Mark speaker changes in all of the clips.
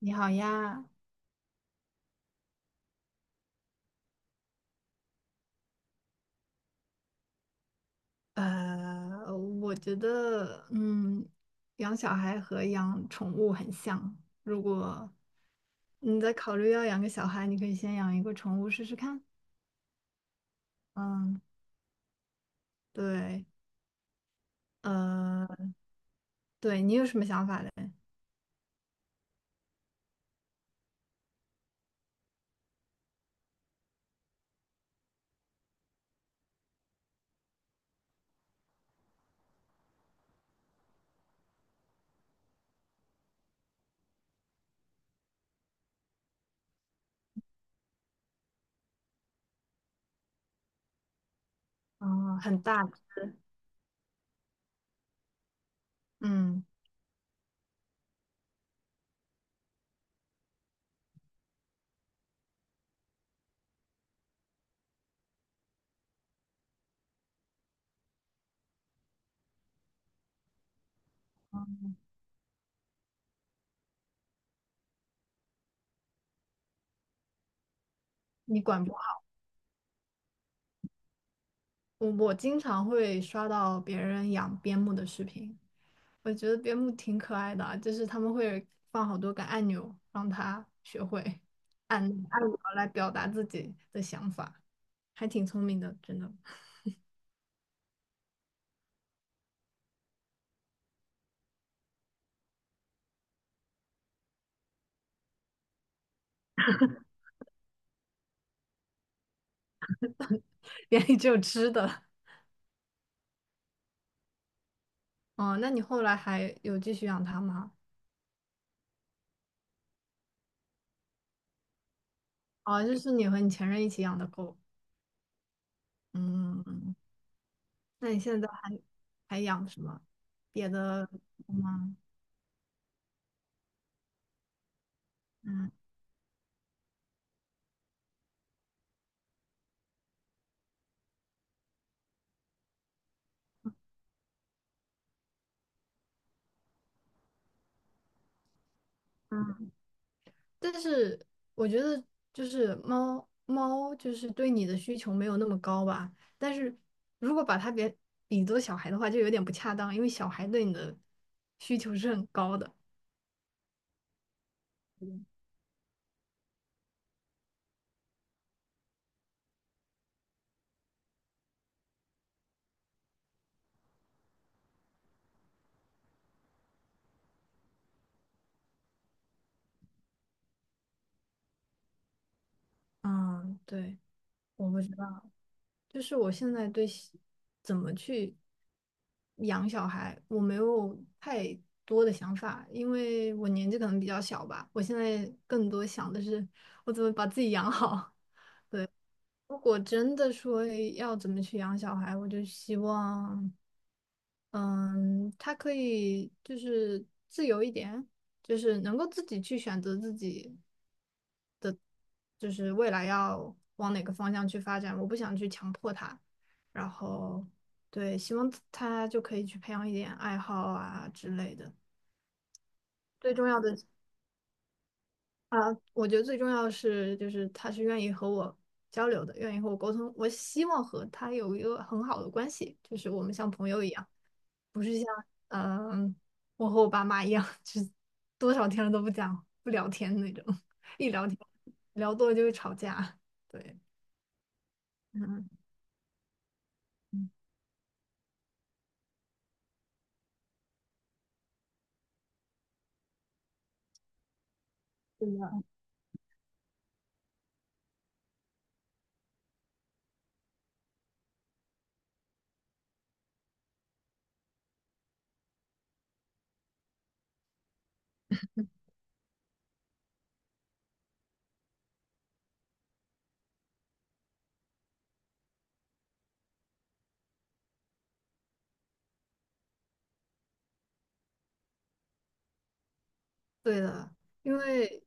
Speaker 1: 你好呀，呃，我觉得，嗯，养小孩和养宠物很像。如果你在考虑要养个小孩，你可以先养一个宠物试试看。嗯，对，呃，对你有什么想法嘞？嗯，很大只，嗯，你管不好。我经常会刷到别人养边牧的视频，我觉得边牧挺可爱的啊就是他们会放好多个按钮，让它学会按按钮来表达自己的想法，还挺聪明的，真的。眼里只有吃的。哦，那你后来还有继续养它吗？哦，就是你和你前任一起养的狗。嗯，那你现在还还养什么别的狗吗？嗯嗯。但是我觉得就是猫猫就是对你的需求没有那么高吧，但是如果把它给比作小孩的话，就有点不恰当，因为小孩对你的需求是很高的。嗯，对，我不知道，就是我现在对小怎么去养小孩，我没有太多的想法，因为我年纪可能比较小吧，我现在更多想的是我怎么把自己养好。如果真的说要怎么去养小孩，我就希望，嗯，他可以就是自由一点，就是能够自己去选择自己，就是未来要往哪个方向去发展。我不想去强迫他，然后对，希望他就可以去培养一点爱好啊之类的。最重要的，我觉得最重要的是，就是他是愿意和我交流的，愿意和我沟通。我希望和他有一个很好的关系，就是我们像朋友一样。不是像嗯、我和我爸妈一样，就是多少天了都不讲不聊天那种，一聊天聊多了就会吵架。对，嗯，对的，对的，因为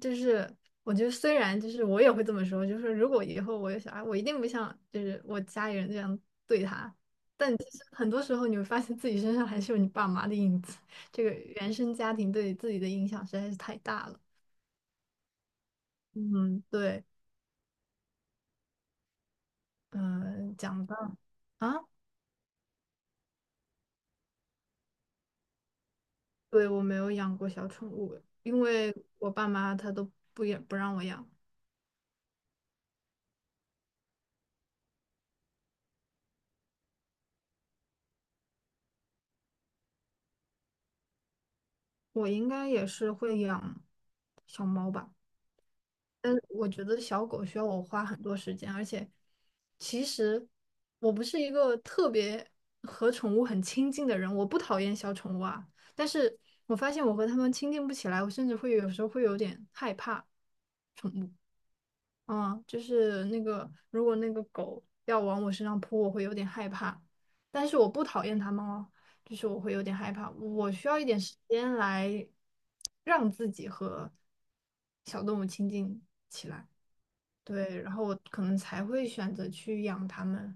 Speaker 1: 就是我觉得虽然就是我也会这么说，就是如果以后我有小孩，我一定不像就是我家里人这样对他。但其实很多时候你会发现自己身上还是有你爸妈的影子，这个原生家庭对自己的影响实在是太大了。嗯，对，嗯、讲到。啊，对，我没有养过小宠物，因为我爸妈他都不也不让我养。我应该也是会养小猫吧，但是我觉得小狗需要我花很多时间，而且其实我不是一个特别和宠物很亲近的人，我不讨厌小宠物啊，但是我发现我和它们亲近不起来，我甚至会有时候会有点害怕。嗯，就是那个，如果那个狗要往我身上扑，我会有点害怕，但是我不讨厌它们哦，就是我会有点害怕，我需要一点时间来让自己和小动物亲近起来，对，然后我可能才会选择去养它们，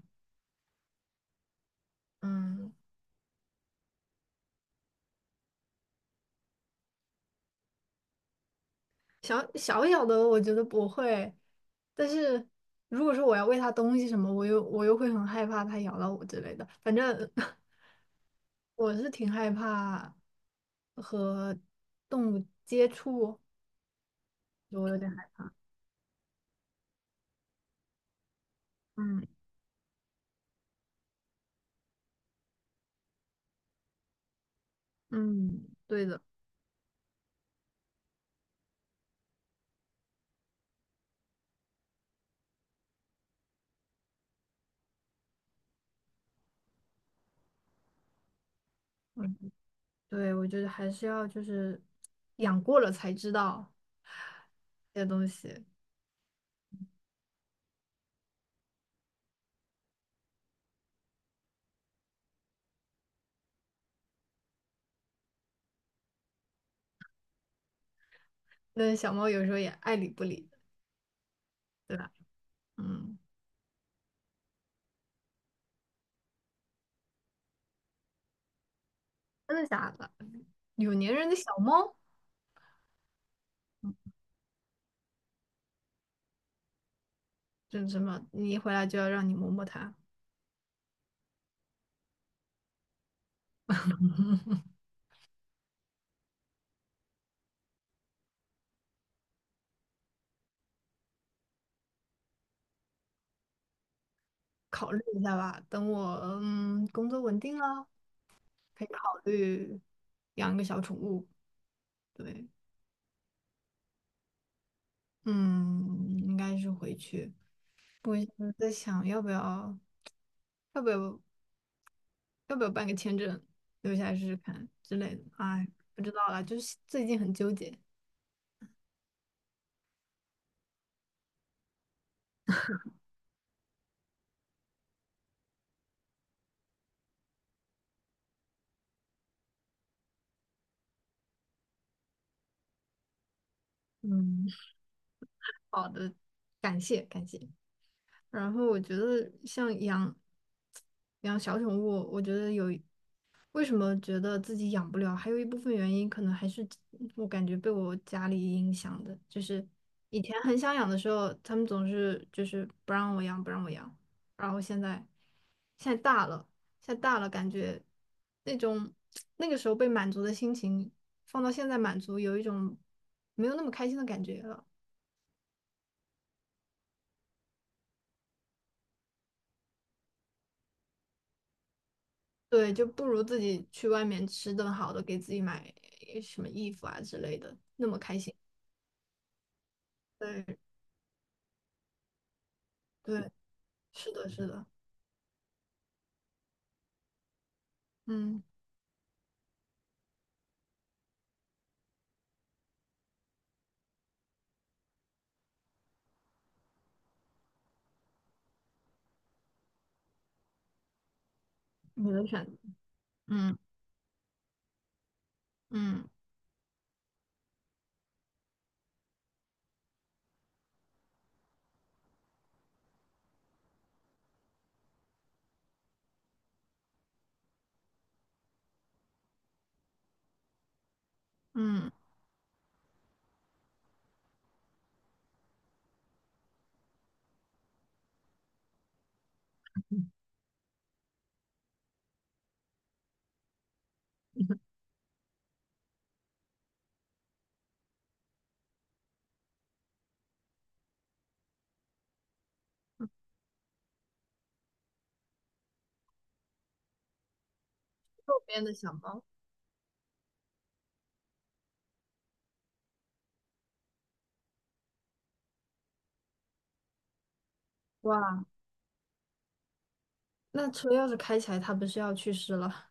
Speaker 1: 嗯。小小小的我觉得不会，但是如果说我要喂它东西什么，我又会很害怕它咬到我之类的。反正 我是挺害怕和动物接触，我有点害怕嗯嗯，对的，对，我觉得还是要就是养过了才知道这些东西。那小猫有时候也爱理不理的，对吧？嗯，真的假的？有粘人的小猫。真什么？你一回来就要让你摸摸它，考虑一下吧。等我嗯工作稳定了，可以考虑养一个小宠物。对，嗯，应该是回去。我现在在想要不要要不要要不要办个签证留下来试试看之类的。哎，不知道啦，就是最近很纠结。嗯，好的，感谢感谢。然后我觉得像养小宠物，我觉得有为什么觉得自己养不了，还有一部分原因可能还是我感觉被我家里影响的，就是以前很想养的时候，他们总是就是不让我养，不让我养，然后现在现在大了，现在大了，感觉那种那个时候被满足的心情，放到现在满足，有一种没有那么开心的感觉了。对，就不如自己去外面吃顿好的，给自己买什么衣服啊之类的，那么开心。对对，是的，是的，嗯，你的选择，嗯嗯嗯，右边的小猫，哇，那车要是开起来，它不是要去世了？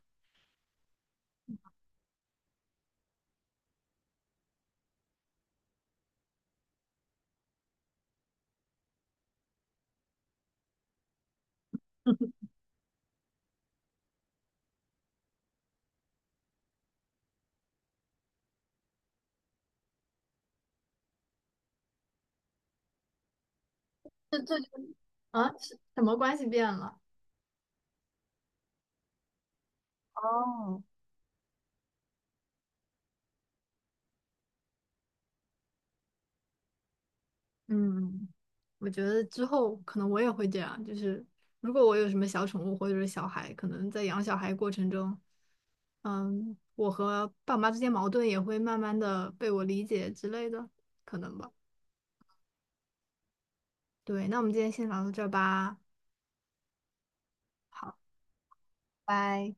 Speaker 1: 这这就啊，是什么关系变了？哦，嗯，我觉得之后可能我也会这样，就是如果我有什么小宠物或者是小孩，可能在养小孩过程中，嗯，我和爸妈之间矛盾也会慢慢的被我理解之类的，可能吧。对，那我们今天先聊到这儿吧，好，拜。